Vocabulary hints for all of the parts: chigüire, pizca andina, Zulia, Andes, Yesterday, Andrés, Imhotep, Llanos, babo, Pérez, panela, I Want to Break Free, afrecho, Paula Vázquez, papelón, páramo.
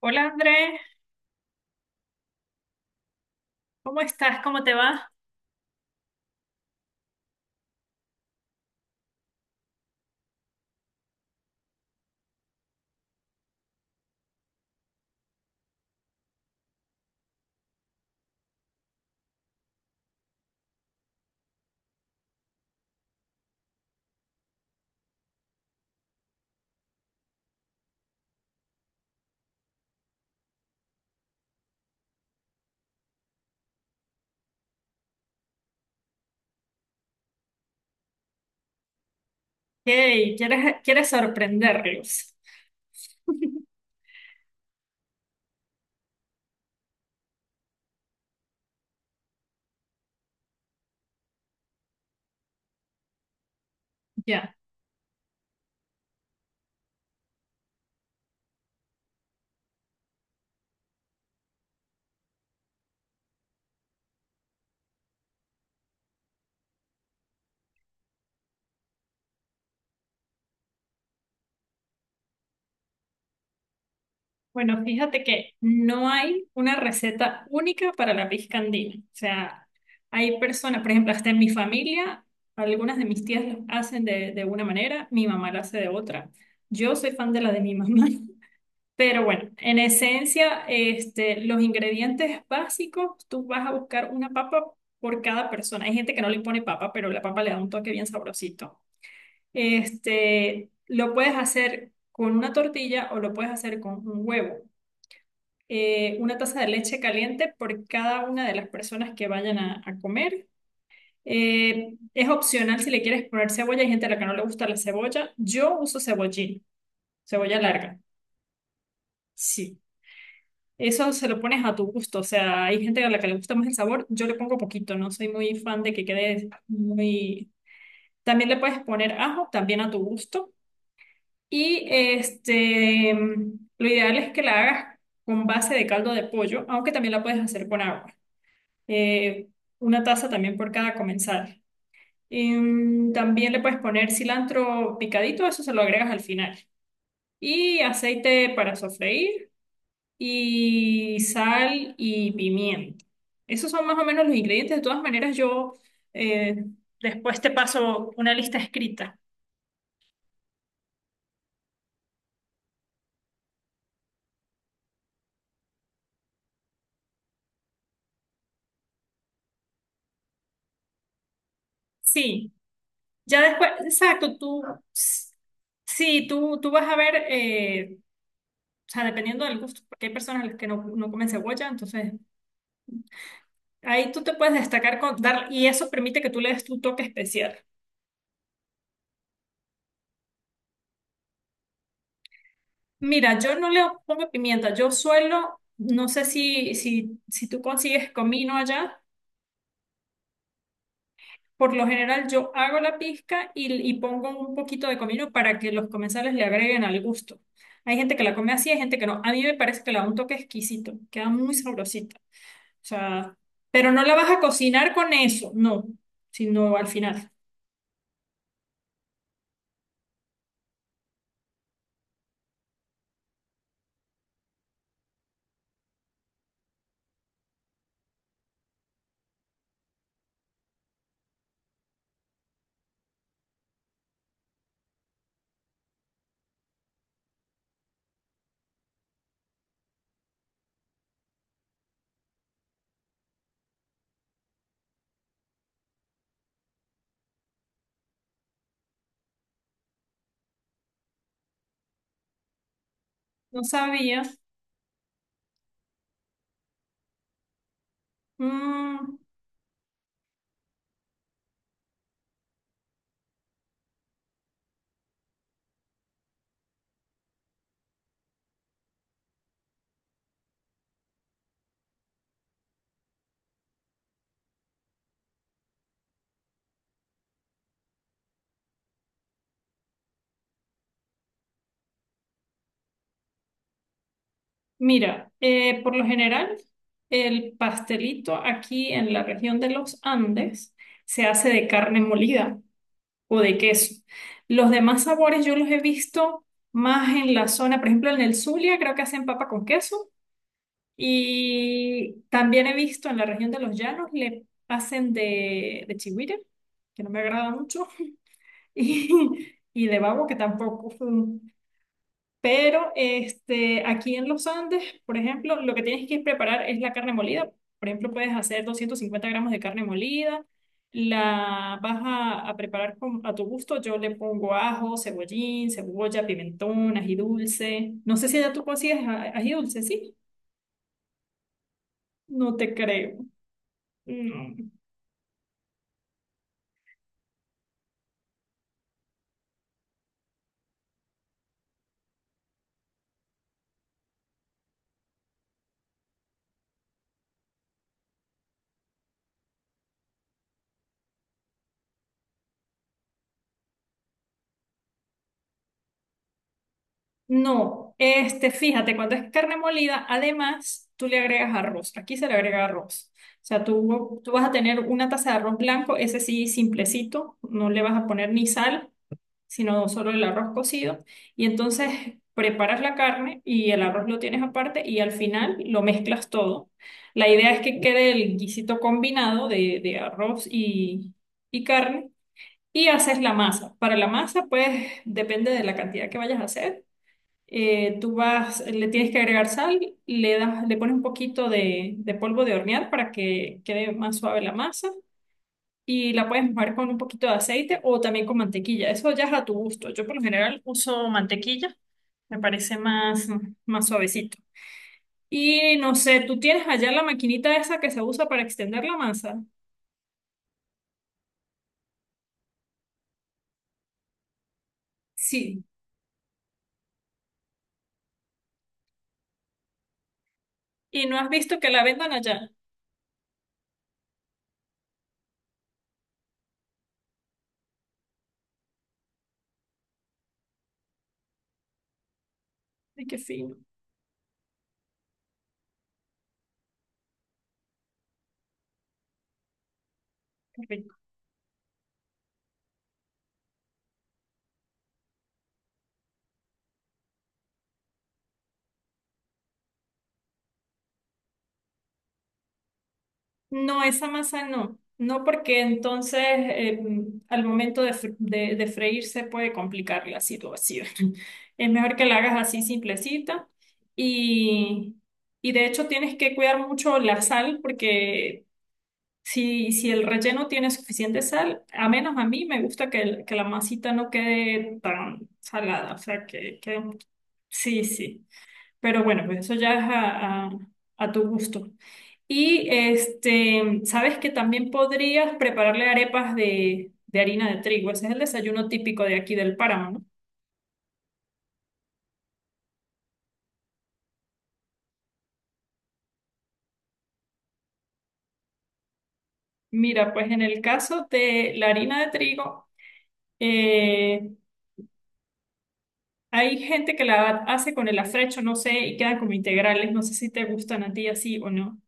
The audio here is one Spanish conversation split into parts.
Hola Andrés, ¿cómo estás? ¿Cómo te va? Hey, ¿¿quieres sorprenderlos? Ya. Bueno, fíjate que no hay una receta única para la pizca andina. O sea, hay personas, por ejemplo, hasta en mi familia, algunas de mis tías lo hacen de una manera, mi mamá lo hace de otra. Yo soy fan de la de mi mamá. Pero bueno, en esencia, los ingredientes básicos, tú vas a buscar una papa por cada persona. Hay gente que no le pone papa, pero la papa le da un toque bien sabrosito. Este, lo puedes hacer con una tortilla o lo puedes hacer con un huevo. Una taza de leche caliente por cada una de las personas que vayan a comer. Es opcional si le quieres poner cebolla. Hay gente a la que no le gusta la cebolla. Yo uso cebollín, cebolla larga. Sí. Eso se lo pones a tu gusto, o sea, hay gente a la que le gusta más el sabor, yo le pongo poquito, no soy muy fan de que quede muy... También le puedes poner ajo, también a tu gusto. Y este, lo ideal es que la hagas con base de caldo de pollo, aunque también la puedes hacer con agua. Eh, una taza también por cada comensal. También le puedes poner cilantro picadito, eso se lo agregas al final. Y aceite para sofreír y sal y pimienta. Esos son más o menos los ingredientes. De todas maneras, yo eh, después te paso una lista escrita. Sí, ya después, exacto, tú, s- sí, tú vas a ver, o sea, dependiendo del gusto, porque hay personas a las que no, no comen cebolla, entonces ahí tú te puedes destacar con dar, y eso permite que tú le des tu toque especial. Mira, yo no le pongo pimienta, yo suelo, no sé si tú consigues comino allá. Por lo general yo hago la pizca y pongo un poquito de comino para que los comensales le agreguen al gusto. Hay gente que la come así, hay gente que no. A mí me parece que le da un toque exquisito, queda muy sabrosita. O sea, pero no la vas a cocinar con eso, no, sino al final. No sabía. Mm, mira, por lo general el pastelito aquí en la región de los Andes se hace de carne molida o de queso. Los demás sabores yo los he visto más en la zona, por ejemplo, en el Zulia creo que hacen papa con queso y también he visto en la región de los Llanos le hacen de chigüire, que no me agrada mucho, y, y de babo que tampoco. Pero este, aquí en los Andes, por ejemplo, lo que tienes que preparar es la carne molida. Por ejemplo, puedes hacer 250 gramos de carne molida. La vas a preparar con- a tu gusto. Yo le pongo ajo, cebollín, cebolla, pimentón, ají dulce. No sé si ya tú consigues a- ají dulce, ¿sí? No te creo. No. No, este, fíjate, cuando es carne molida, además tú le agregas arroz. Aquí se le agrega arroz. O sea, tú vas a tener una taza de arroz blanco, ese sí simplecito, no le vas a poner ni sal, sino solo el arroz cocido. Y entonces preparas la carne y el arroz lo tienes aparte y al final lo mezclas todo. La idea es que quede el guisito combinado de arroz y carne y haces la masa. Para la masa, pues depende de la cantidad que vayas a hacer. Tú vas, le tienes que agregar sal, le das, le pones un poquito de polvo de hornear para que quede más suave la masa y la puedes mojar con un poquito de aceite o también con mantequilla. Eso ya es a tu gusto. Yo por lo general uso mantequilla, me parece más, más suavecito. Y no sé, ¿tú tienes allá la maquinita esa que se usa para extender la masa? Sí. ¿Y no has visto que la vendan allá? Ay, qué fino, qué rico. No, esa masa no. No, porque entonces al momento de, de freírse puede complicar la situación. Es mejor que la hagas así simplecita. Y, y de hecho tienes que cuidar mucho la sal porque si el relleno tiene suficiente sal, a menos a mí me gusta que, el- que la masita no quede tan salada. O sea, que sí, sí. Pero bueno, pues eso ya es a tu gusto. Y este, sabes que también podrías prepararle arepas de harina de trigo. Ese es el desayuno típico de aquí del páramo, ¿no? Mira, pues en el caso de la harina de trigo, eh, hay gente que la hace con el afrecho, no sé, y quedan como integrales. No sé si te gustan a ti así o no.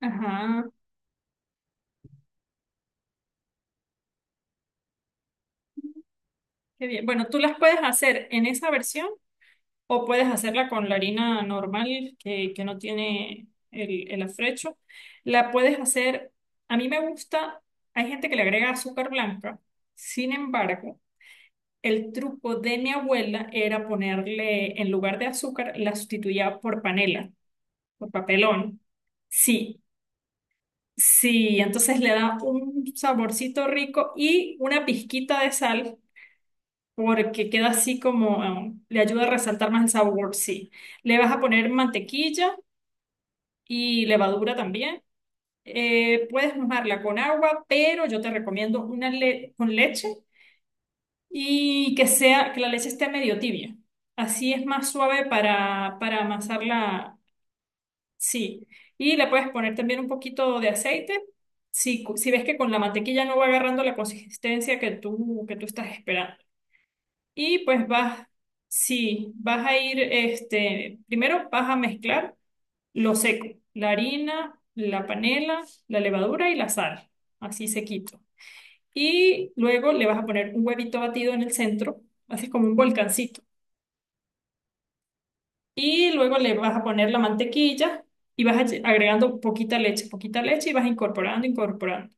Ajá, qué bien. Bueno, tú las puedes hacer en esa versión. O puedes hacerla con la harina normal que no tiene el afrecho. La puedes hacer, a mí me gusta, hay gente que le agrega azúcar blanca. Sin embargo, el truco de mi abuela era ponerle, en lugar de azúcar, la sustituía por panela, por papelón. Sí, sí, entonces le da un saborcito rico y una pizquita de sal porque queda así como, le ayuda a resaltar más el sabor, sí. Le vas a poner mantequilla y levadura también. Puedes mojarla con agua, pero yo te recomiendo una le- con leche y que sea, que la leche esté medio tibia. Así es más suave para amasarla, sí. Y le puedes poner también un poquito de aceite. Si, cu- si ves que con la mantequilla no va agarrando la consistencia que tú estás esperando. Y pues vas, sí, vas a ir, este, primero vas a mezclar lo seco, la harina, la panela, la levadura y la sal, así sequito. Y luego le vas a poner un huevito batido en el centro, así como un volcancito. Y luego le vas a poner la mantequilla y vas a lle- agregando poquita leche y vas incorporando, incorporando.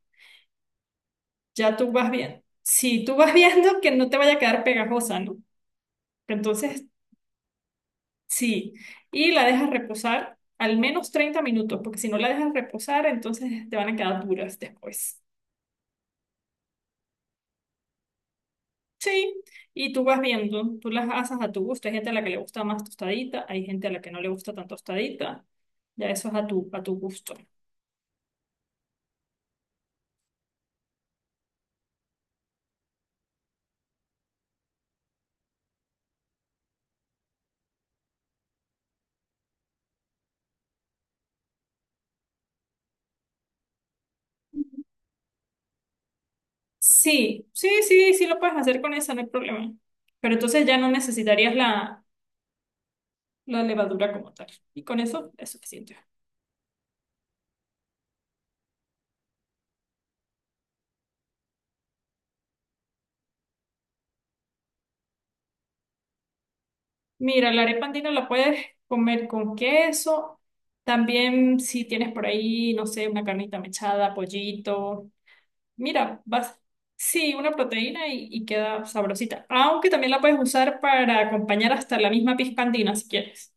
Ya tú vas viendo. Si tú vas viendo que no te vaya a quedar pegajosa, ¿no? Entonces sí, y la dejas reposar al menos 30 minutos, porque si no la dejas reposar, entonces te van a quedar duras después. Sí, y tú vas viendo, tú las asas a tu gusto. Hay gente a la que le gusta más tostadita, hay gente a la que no le gusta tan tostadita. Ya eso es a tu gusto. Sí, sí, sí, sí lo puedes hacer con esa, no hay problema. Pero entonces ya no necesitarías la, la levadura como tal. Y con eso es suficiente. Mira, la arepa andina la puedes comer con queso. También si tienes por ahí, no sé, una carnita mechada, pollito. Mira, vas, sí, una proteína y queda sabrosita. Aunque también la puedes usar para acompañar hasta la misma pisca andina si quieres.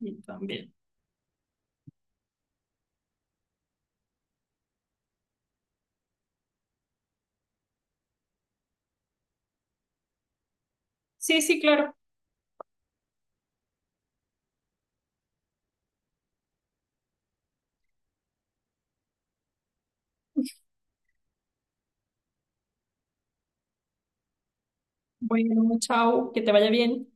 Y también. Sí, sí, claro. Bueno, chao, que te vaya bien.